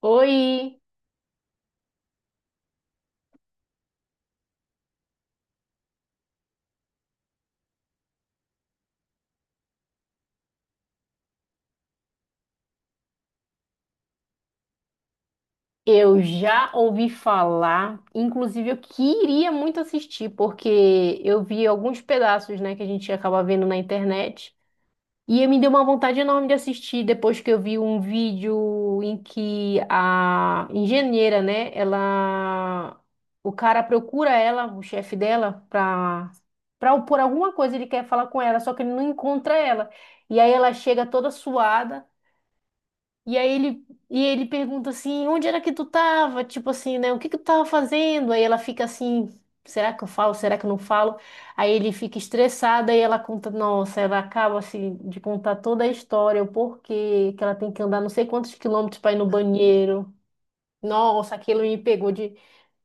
Oi, eu já ouvi falar, inclusive eu queria muito assistir, porque eu vi alguns pedaços, né, que a gente acaba vendo na internet, e me deu uma vontade enorme de assistir depois que eu vi um vídeo em que a engenheira, né, ela, o cara procura ela, o chefe dela, por alguma coisa ele quer falar com ela, só que ele não encontra ela. E aí ela chega toda suada. E aí ele pergunta assim, onde era que tu tava? Tipo assim, né? O que que tu tava fazendo? Aí ela fica assim, será que eu falo? Será que eu não falo? Aí ele fica estressado e ela conta, nossa, ela acaba assim de contar toda a história, o porquê que ela tem que andar não sei quantos quilômetros para ir no banheiro. Nossa, aquilo me pegou de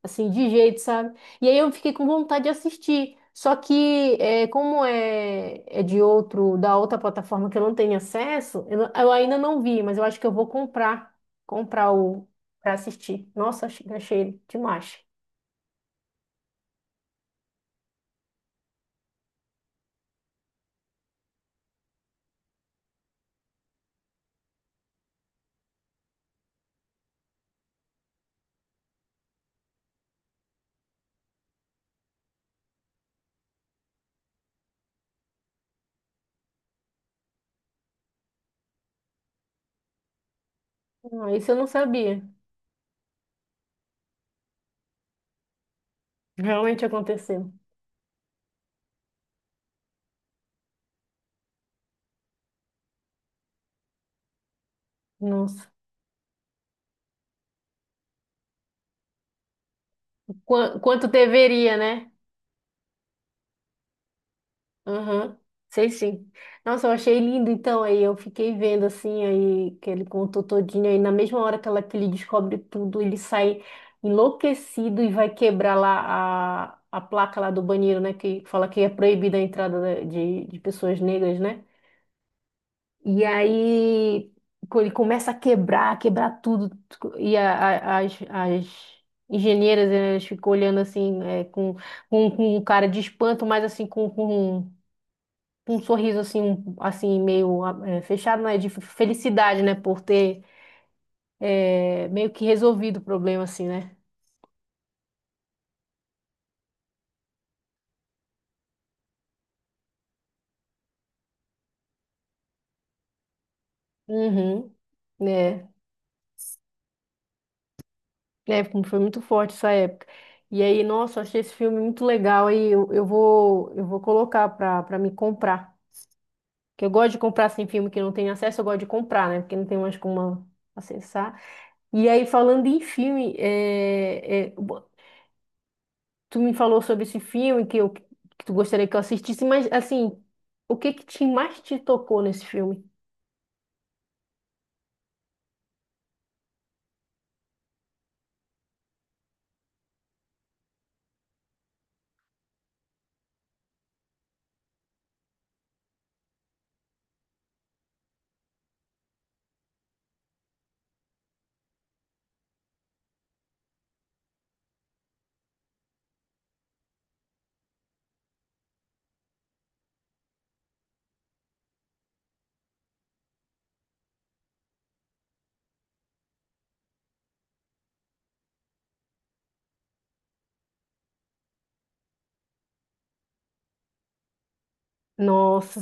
assim, de jeito, sabe? E aí eu fiquei com vontade de assistir. Só que, é, como é, é de outro, da outra plataforma que eu não tenho acesso, eu, eu ainda não vi, mas eu acho que eu vou comprar, comprar o, pra assistir. Nossa, achei demais. Ah, isso eu não sabia. Realmente aconteceu. Nossa. Quanto deveria, né? Aham, sei sim. Nossa, eu achei lindo. Então, aí eu fiquei vendo assim, aí que ele contou todinho. Aí na mesma hora que, ela, que ele descobre tudo, ele sai enlouquecido e vai quebrar lá a placa lá do banheiro, né? Que fala que é proibida a entrada de pessoas negras, né? E aí ele começa a quebrar, quebrar tudo. E as engenheiras, elas ficam olhando assim, é, com um cara de espanto, mas assim, um sorriso assim, um- assim meio ah, é, fechado, né? De felicidade, né? Por ter é, meio que resolvido o problema, assim, né? Uhum. É, né? É, foi muito forte essa época. E aí, nossa, eu achei esse filme muito legal. Aí eu vou colocar pra me comprar. Porque eu gosto de comprar assim, filme que não tem acesso, eu gosto de comprar, né? Porque não tem mais como acessar. E aí, falando em filme, tu me falou sobre esse filme que, eu, que tu gostaria que eu assistisse, mas assim, o que que te, mais te tocou nesse filme? Nossa,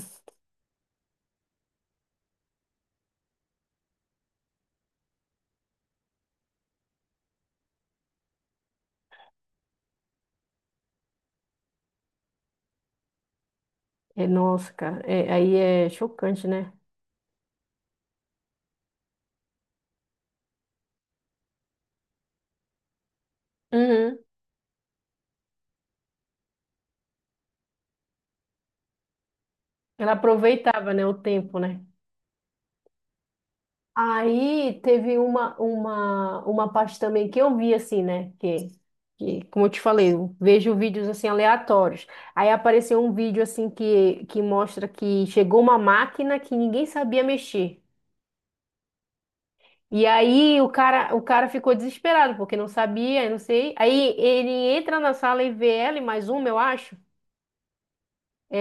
é nossa, cara. É, aí é chocante, né? Uhum. Ela aproveitava, né, o tempo, né? Aí teve uma parte também que eu vi assim, né? Que, como eu te falei, eu vejo vídeos assim aleatórios. Aí apareceu um vídeo assim que mostra que chegou uma máquina que ninguém sabia mexer. E aí o cara ficou desesperado, porque não sabia, eu não sei. Aí ele entra na sala e vê ela e mais uma, eu acho,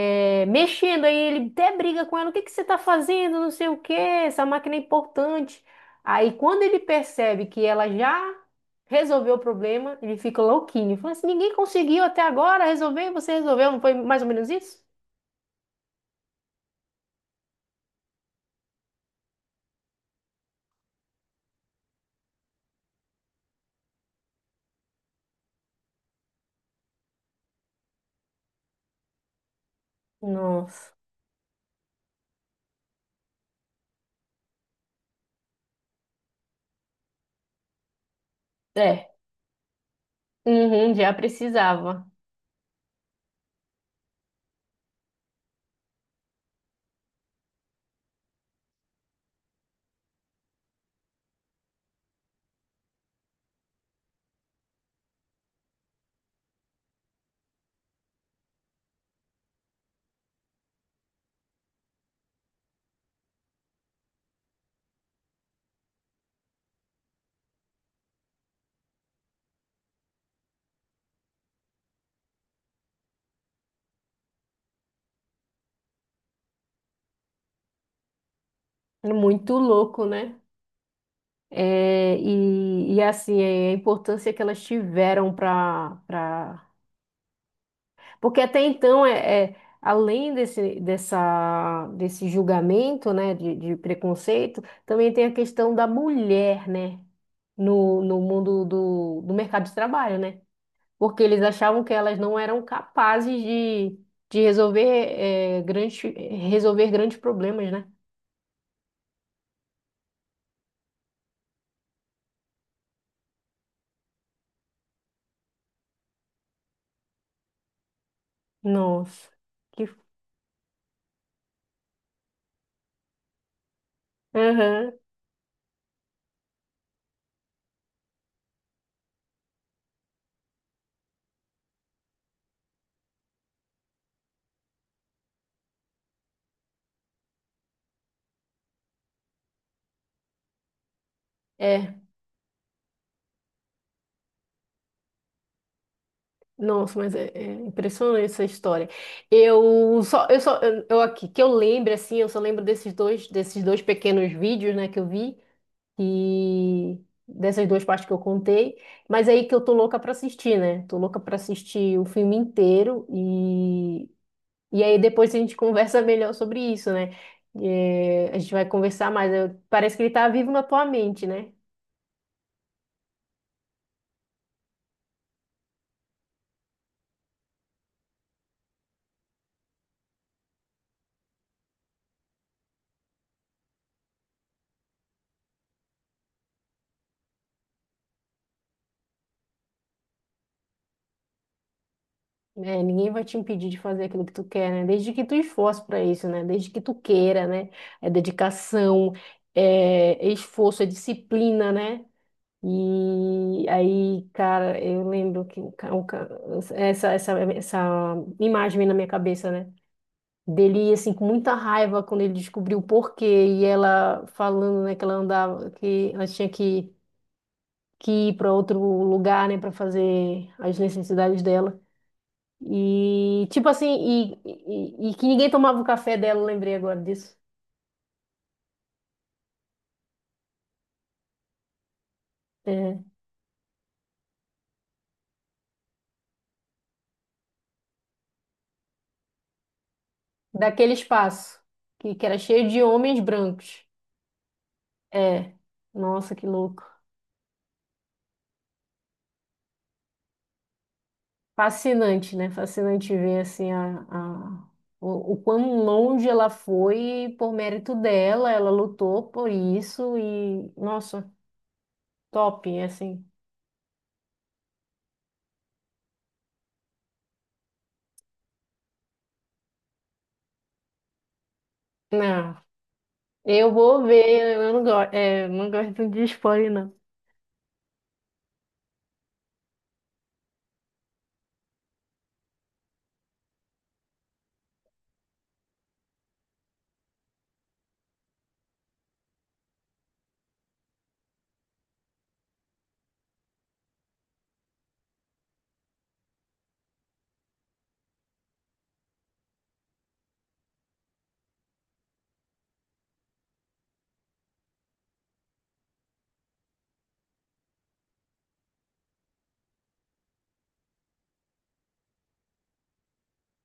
é, mexendo. Aí ele até briga com ela, o que que você tá fazendo, não sei o quê, essa máquina é importante. Aí quando ele percebe que ela já resolveu o problema, ele fica louquinho. Fala assim, ninguém conseguiu até agora resolver, você resolveu, não foi mais ou menos isso? Nossa. É. Uhum, já precisava. Muito louco, né? É, assim, é, a importância que elas tiveram para... Pra... Porque até então, além desse julgamento, né, de preconceito, também tem a questão da mulher, né, no mundo do mercado de trabalho, né? Porque eles achavam que elas não eram capazes de resolver, é, grandes, resolver grandes problemas, né? Nossa, que... Aham, é. Nossa, mas é, é impressionante essa história. Eu aqui que eu lembro assim, eu só lembro desses dois pequenos vídeos, né, que eu vi e dessas duas partes que eu contei. Mas aí que eu tô louca pra assistir, né? Tô louca pra assistir o filme inteiro e aí depois a gente conversa melhor sobre isso, né? É, a gente vai conversar mais. Eu- parece que ele tá vivo na tua mente, né? É, ninguém vai te impedir de fazer aquilo que tu quer, né? Desde que tu esforce para isso, né? Desde que tu queira, né? É dedicação, é esforço, é disciplina, né? E aí, cara, eu lembro que essa, essa imagem vem na minha cabeça, né? Dele, assim, com muita raiva quando ele descobriu o porquê e ela falando, né, que ela andava, que ela tinha que ir para outro lugar, né, para fazer as necessidades dela. E tipo assim, e que ninguém tomava o café dela, eu lembrei agora disso. É, daquele espaço que era cheio de homens brancos. É, nossa, que louco. Fascinante, né? Fascinante ver assim o quão longe ela foi por mérito dela, ela lutou por isso e nossa, top, assim. Não, eu vou ver, eu não gosto, é, eu não gosto de spoiler, não.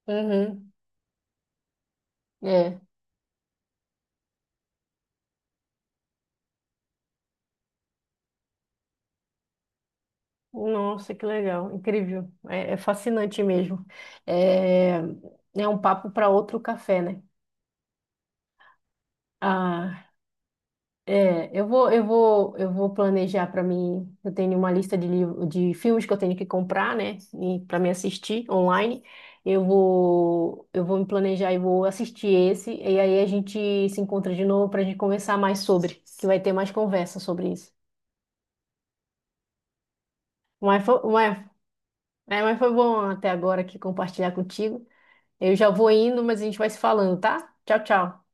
Uhum. É. Nossa, que legal, incrível, é, é fascinante mesmo. É, é um papo para outro café, né? Ah, é, eu vou planejar para mim. Eu tenho uma lista de livro, de filmes que eu tenho que comprar, né? E para me assistir online, eu vou me planejar e vou assistir esse. E aí a gente se encontra de novo para a gente conversar mais sobre, que vai ter mais conversa sobre isso. Mas foi, mas, mas foi bom até agora aqui compartilhar contigo. Eu já vou indo, mas a gente vai se falando, tá? Tchau, tchau.